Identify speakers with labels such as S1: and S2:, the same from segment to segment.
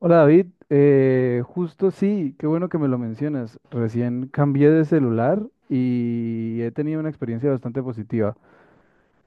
S1: Hola David, justo sí, qué bueno que me lo mencionas. Recién cambié de celular y he tenido una experiencia bastante positiva.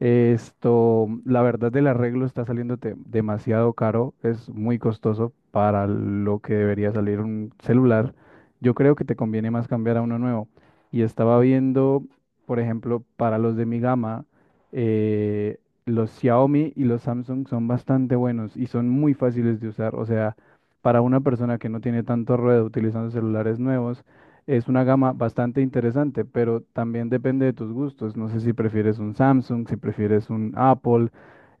S1: Esto, la verdad del arreglo está saliéndote demasiado caro, es muy costoso para lo que debería salir un celular. Yo creo que te conviene más cambiar a uno nuevo. Y estaba viendo, por ejemplo, para los de mi gama, eh, los Xiaomi y los Samsung son bastante buenos y son muy fáciles de usar. O sea, para una persona que no tiene tanto ruedo utilizando celulares nuevos, es una gama bastante interesante, pero también depende de tus gustos. No sé si prefieres un Samsung, si prefieres un Apple,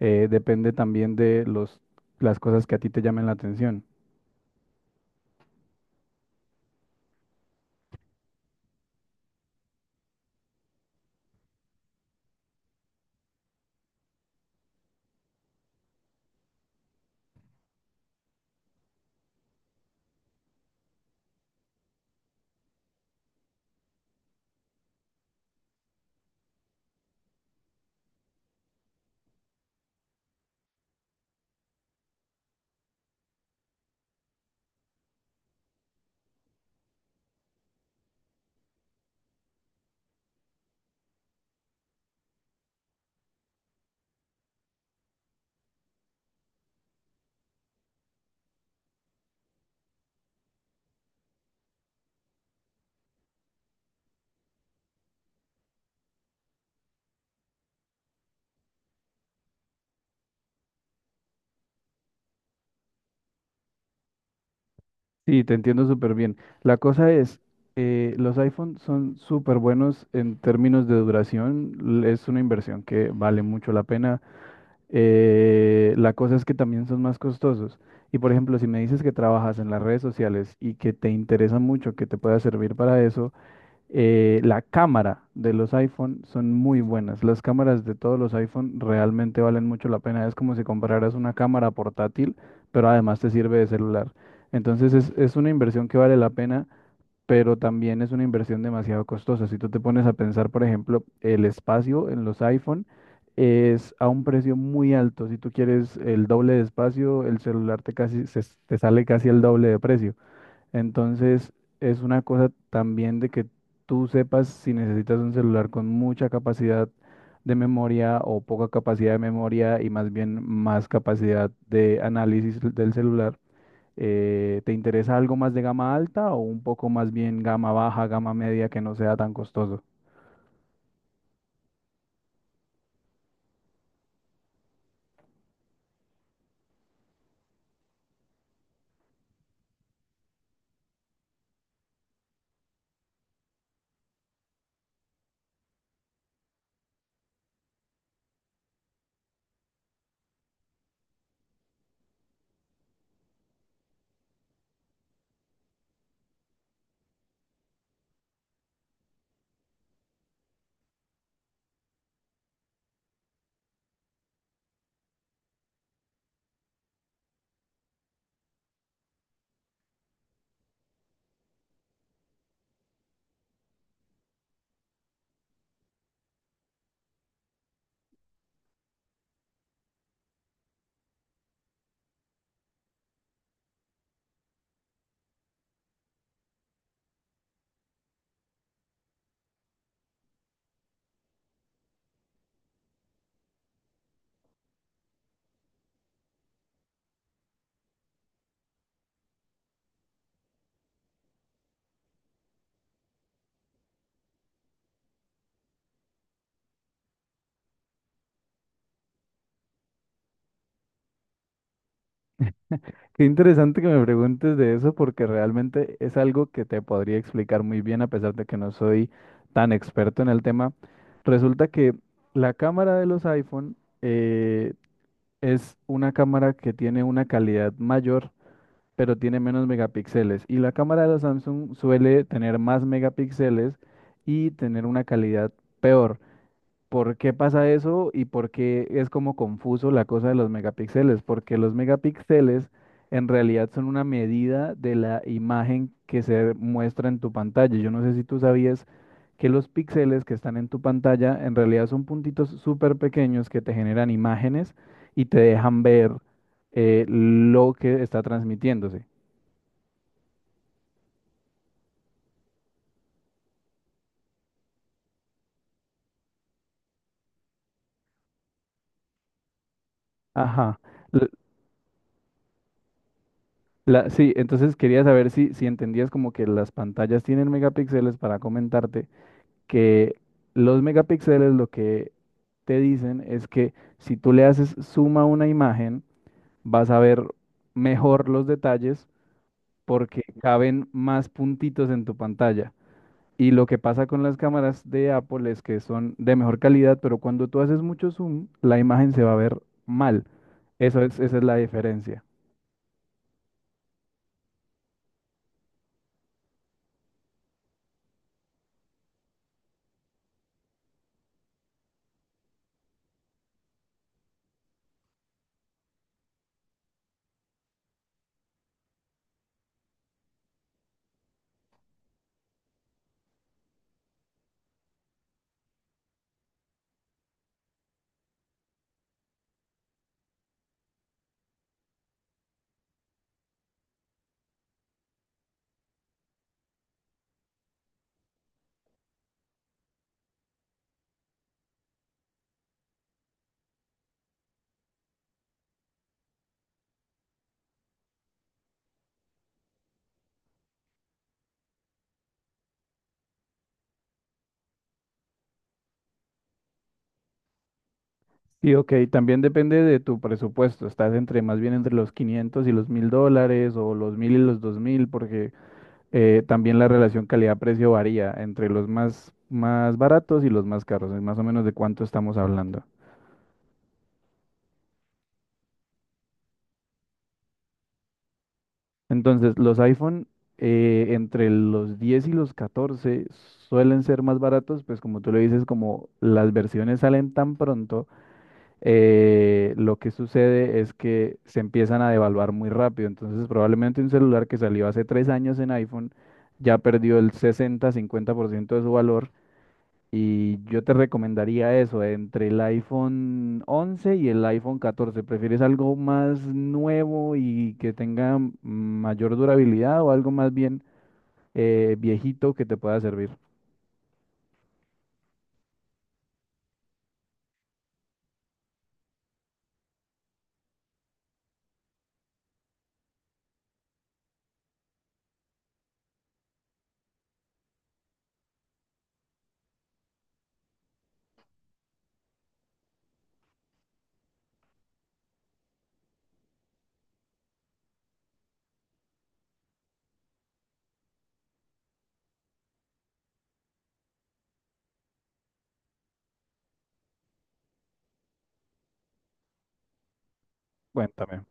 S1: depende también las cosas que a ti te llamen la atención. Sí, te entiendo súper bien. La cosa es, los iPhones son súper buenos en términos de duración. Es una inversión que vale mucho la pena. La cosa es que también son más costosos. Y por ejemplo, si me dices que trabajas en las redes sociales y que te interesa mucho que te pueda servir para eso, la cámara de los iPhone son muy buenas. Las cámaras de todos los iPhone realmente valen mucho la pena. Es como si compraras una cámara portátil, pero además te sirve de celular. Entonces es una inversión que vale la pena, pero también es una inversión demasiado costosa. Si tú te pones a pensar, por ejemplo, el espacio en los iPhone es a un precio muy alto. Si tú quieres el doble de espacio, el celular te casi te sale casi el doble de precio. Entonces, es una cosa también de que tú sepas si necesitas un celular con mucha capacidad de memoria o poca capacidad de memoria y más bien más capacidad de análisis del celular. ¿Te interesa algo más de gama alta o un poco más bien gama baja, gama media que no sea tan costoso? Qué interesante que me preguntes de eso porque realmente es algo que te podría explicar muy bien a pesar de que no soy tan experto en el tema. Resulta que la cámara de los iPhone eh, es una cámara que tiene una calidad mayor, pero tiene menos megapíxeles. Y la cámara de los Samsung suele tener más megapíxeles y tener una calidad peor. ¿Por qué pasa eso y por qué es como confuso la cosa de los megapíxeles? Porque los megapíxeles en realidad son una medida de la imagen que se muestra en tu pantalla. Yo no sé si tú sabías que los píxeles que están en tu pantalla en realidad son puntitos súper pequeños que te generan imágenes y te dejan ver lo que está transmitiéndose. Ajá. L- sí, entonces quería saber si entendías como que las pantallas tienen megapíxeles para comentarte que los megapíxeles lo que te dicen es que si tú le haces suma a una imagen, vas a ver mejor los detalles porque caben más puntitos en tu pantalla. Y lo que pasa con las cámaras de Apple es que son de mejor calidad, pero cuando tú haces mucho zoom, la imagen se va a ver mal. Eso es, esa es la diferencia. Y ok, también depende de tu presupuesto. ¿Estás entre más bien entre los 500 y los 1.000 dólares o los 1.000 y los 2.000? Porque también la relación calidad-precio varía entre los más baratos y los más caros, es más o menos de cuánto estamos hablando. Entonces, los iPhone entre los 10 y los 14 suelen ser más baratos, pues como tú lo dices, como las versiones salen tan pronto, lo que sucede es que se empiezan a devaluar muy rápido. Entonces, probablemente un celular que salió hace 3 años en iPhone ya perdió el 60-50% de su valor. Y yo te recomendaría eso, entre el iPhone 11 y el iPhone 14. ¿Prefieres algo más nuevo y que tenga mayor durabilidad o algo más bien viejito que te pueda servir? Cuéntame.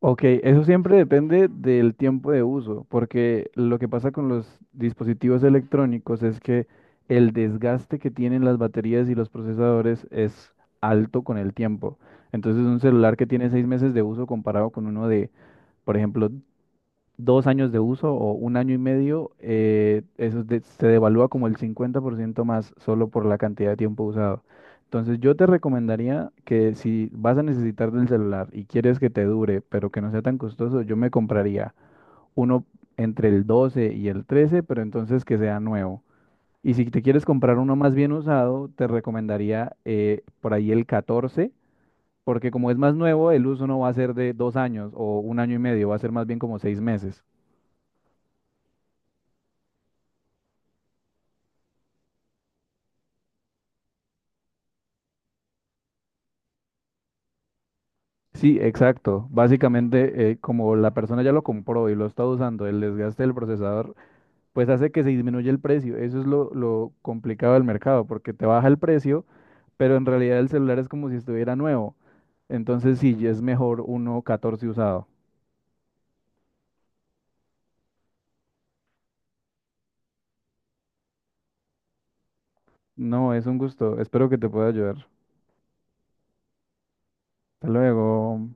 S1: Ok, eso siempre depende del tiempo de uso, porque lo que pasa con los dispositivos electrónicos es que el desgaste que tienen las baterías y los procesadores es alto con el tiempo. Entonces un celular que tiene 6 meses de uso comparado con uno de por ejemplo, 2 años de uso o un año y medio, eso se devalúa como el 50% más solo por la cantidad de tiempo usado. Entonces yo te recomendaría que si vas a necesitar del celular y quieres que te dure, pero que no sea tan costoso, yo me compraría uno entre el 12 y el 13, pero entonces que sea nuevo. Y si te quieres comprar uno más bien usado, te recomendaría por ahí el 14, porque como es más nuevo, el uso no va a ser de 2 años o un año y medio, va a ser más bien como 6 meses. Sí, exacto. Básicamente, como la persona ya lo compró y lo está usando, el desgaste del procesador, pues hace que se disminuya el precio. Eso es lo complicado del mercado, porque te baja el precio, pero en realidad el celular es como si estuviera nuevo. Entonces, sí, ya es mejor uno 14 usado. No, es un gusto. Espero que te pueda ayudar. Hasta luego.